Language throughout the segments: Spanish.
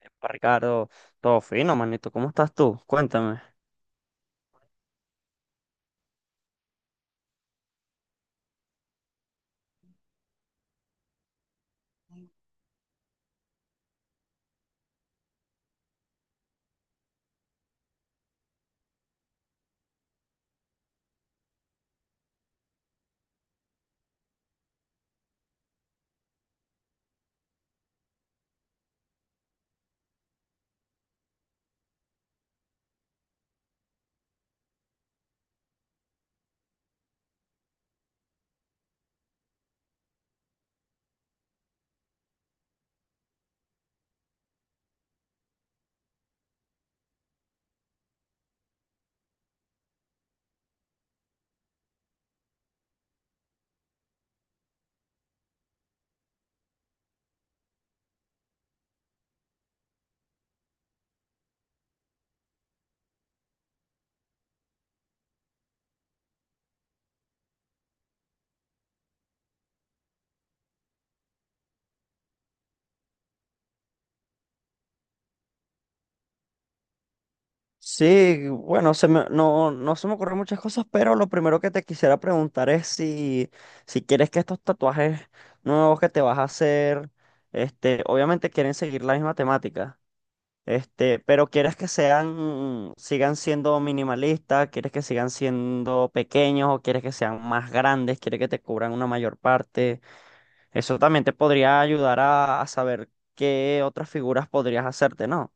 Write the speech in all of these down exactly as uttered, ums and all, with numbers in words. Epa, Ricardo, todo fino, manito. ¿Cómo estás tú? Cuéntame. Sí, bueno, se me, no, no se me ocurren muchas cosas, pero lo primero que te quisiera preguntar es si, si quieres que estos tatuajes nuevos que te vas a hacer, este, obviamente quieren seguir la misma temática, este, pero quieres que sean, sigan siendo minimalistas, quieres que sigan siendo pequeños o quieres que sean más grandes, quieres que te cubran una mayor parte. Eso también te podría ayudar a, a saber qué otras figuras podrías hacerte, ¿no?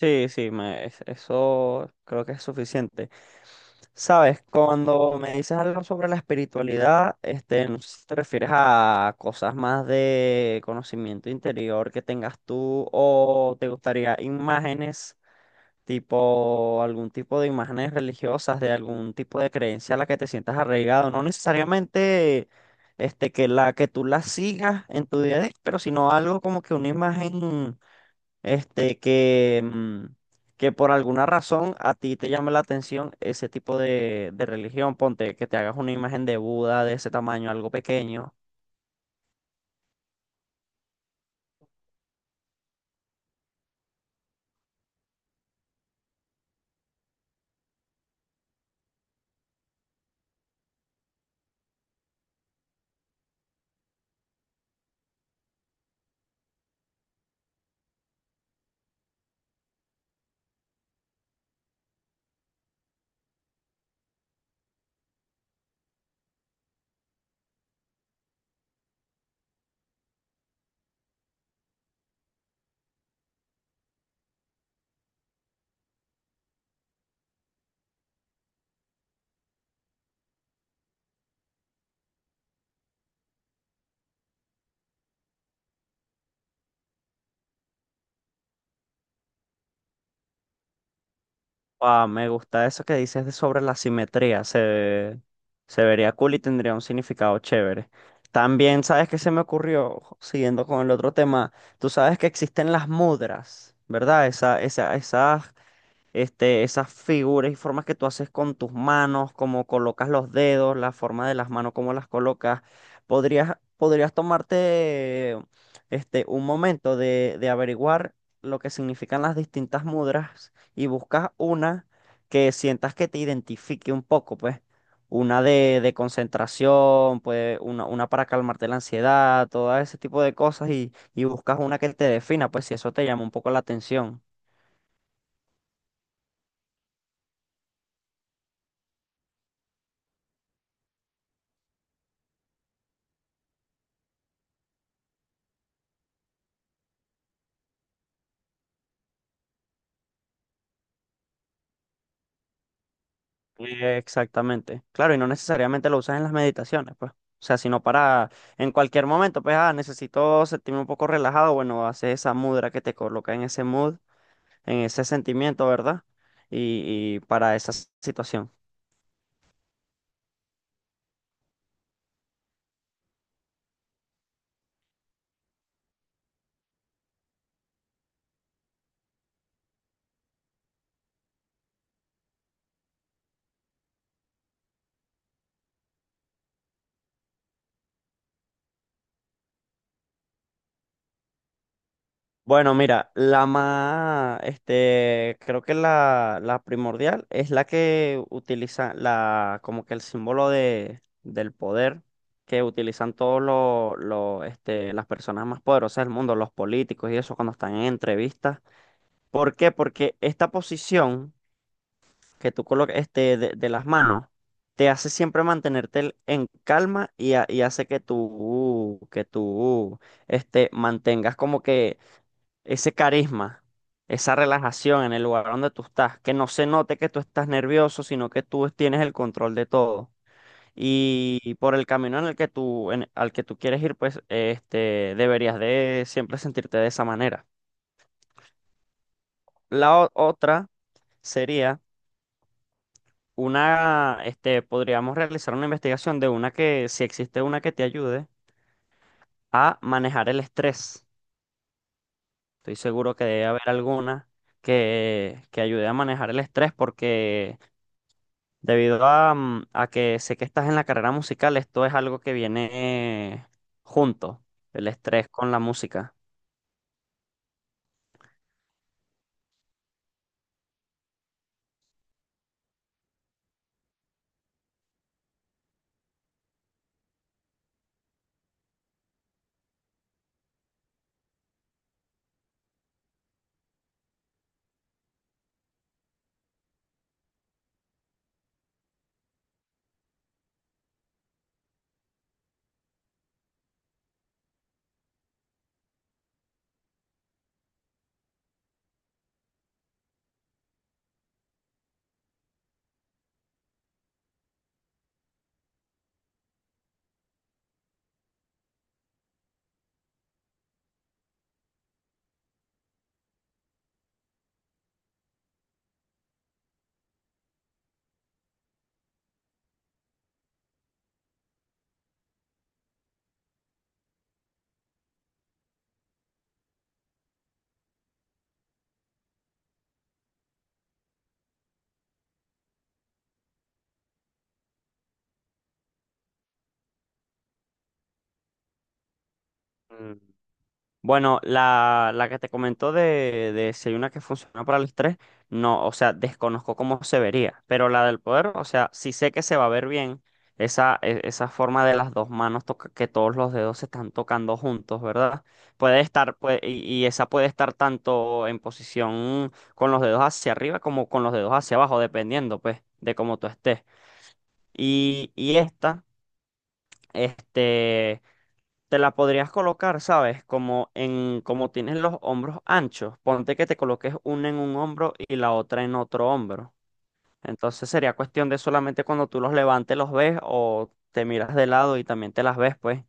Sí, sí, me, es- eso creo que es suficiente. Sabes, cuando me dices algo sobre la espiritualidad, este, no sé si te refieres a cosas más de conocimiento interior que tengas tú o te gustaría imágenes, tipo algún tipo de imágenes religiosas, de algún tipo de creencia a la que te sientas arraigado, no necesariamente este, que la que tú la sigas en tu día a día, pero sino algo como que una imagen este, que, mm, que por alguna razón a ti te llame la atención ese tipo de, de religión. Ponte que te hagas una imagen de Buda de ese tamaño, algo pequeño. Ah, me gusta eso que dices de sobre la simetría. Se, se vería cool y tendría un significado chévere. También, ¿sabes qué se me ocurrió? Siguiendo con el otro tema, tú sabes que existen las mudras, ¿verdad? Esa, esa, esas este, esas figuras y formas que tú haces con tus manos, cómo colocas los dedos, la forma de las manos, cómo las colocas. Podrías, podrías tomarte este, un momento de, de averiguar lo que significan las distintas mudras y buscas una que sientas que te identifique un poco, pues. Una de, de concentración, pues una, una para calmarte la ansiedad, todo ese tipo de cosas y, y buscas una que te defina, pues si eso te llama un poco la atención. Eh, Exactamente. Claro, y no necesariamente lo usas en las meditaciones, pues. O sea, sino para en cualquier momento, pues, ah, necesito sentirme un poco relajado, bueno, haces esa mudra que te coloca en ese mood, en ese sentimiento, ¿verdad? Y, y para esa s- situación. Bueno, mira, la más, este, creo que la, la primordial es la que utiliza la, como que el símbolo de, del poder que utilizan todos los, los, este, las personas más poderosas del mundo, los políticos y eso cuando están en entrevistas. ¿Por qué? Porque esta posición que tú colocas, este, de, de las manos, te hace siempre mantenerte el- en calma y, ha- y hace que tú, que tú, este, mantengas como que ese carisma, esa relajación en el lugar donde tú estás, que no se note que tú estás nervioso, sino que tú tienes el control de todo. Y por el camino en el que tú, en- al que tú quieres ir, pues este, deberías de siempre sentirte de esa manera. La o- otra sería una, este, podríamos realizar una investigación de una que, si existe una que te ayude a manejar el estrés. Estoy seguro que debe haber alguna que, que ayude a manejar el estrés porque debido a, mm, a que sé que estás en la carrera musical, esto es algo que viene eh, junto, el estrés con la música. Mm. Bueno, la, la que te comentó de, de si hay una que funciona para el estrés, no, o sea, desconozco cómo se vería, pero la del poder, o sea, sí sé que se va a ver bien esa, e- esa forma de las dos manos, toca- que todos los dedos se están tocando juntos, ¿verdad? Puede estar, pue- y, y esa puede estar tanto en posición con los dedos hacia arriba como con los dedos hacia abajo, dependiendo, pues, de cómo tú estés. Y, y esta, este te la podrías colocar, ¿sabes? Como en, como tienes los hombros anchos, ponte que te coloques una en un hombro y la otra en otro hombro. Entonces sería cuestión de solamente cuando tú los levantes los ves o te miras de lado y también te las ves, pues.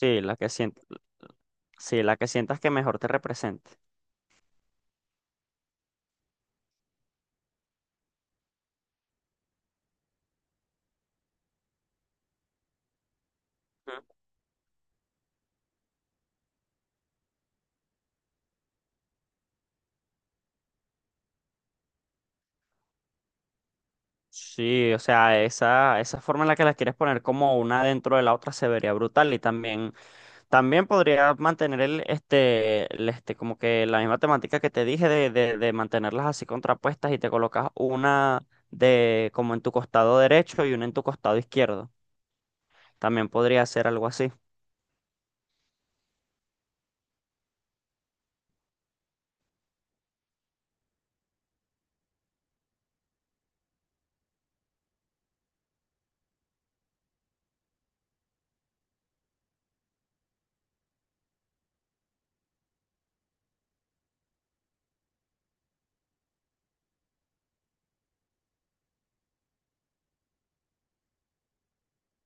Sí, la que sient- sí, la que sientas que mejor te represente. Sí, o sea, esa, esa forma en la que las quieres poner como una dentro de la otra se vería brutal y también, también podría mantener el, este, el, este, como que la misma temática que te dije de, de, de mantenerlas así contrapuestas y te colocas una de como en tu costado derecho y una en tu costado izquierdo. También podría ser algo así.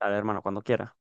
Dale, hermano, cuando quieras.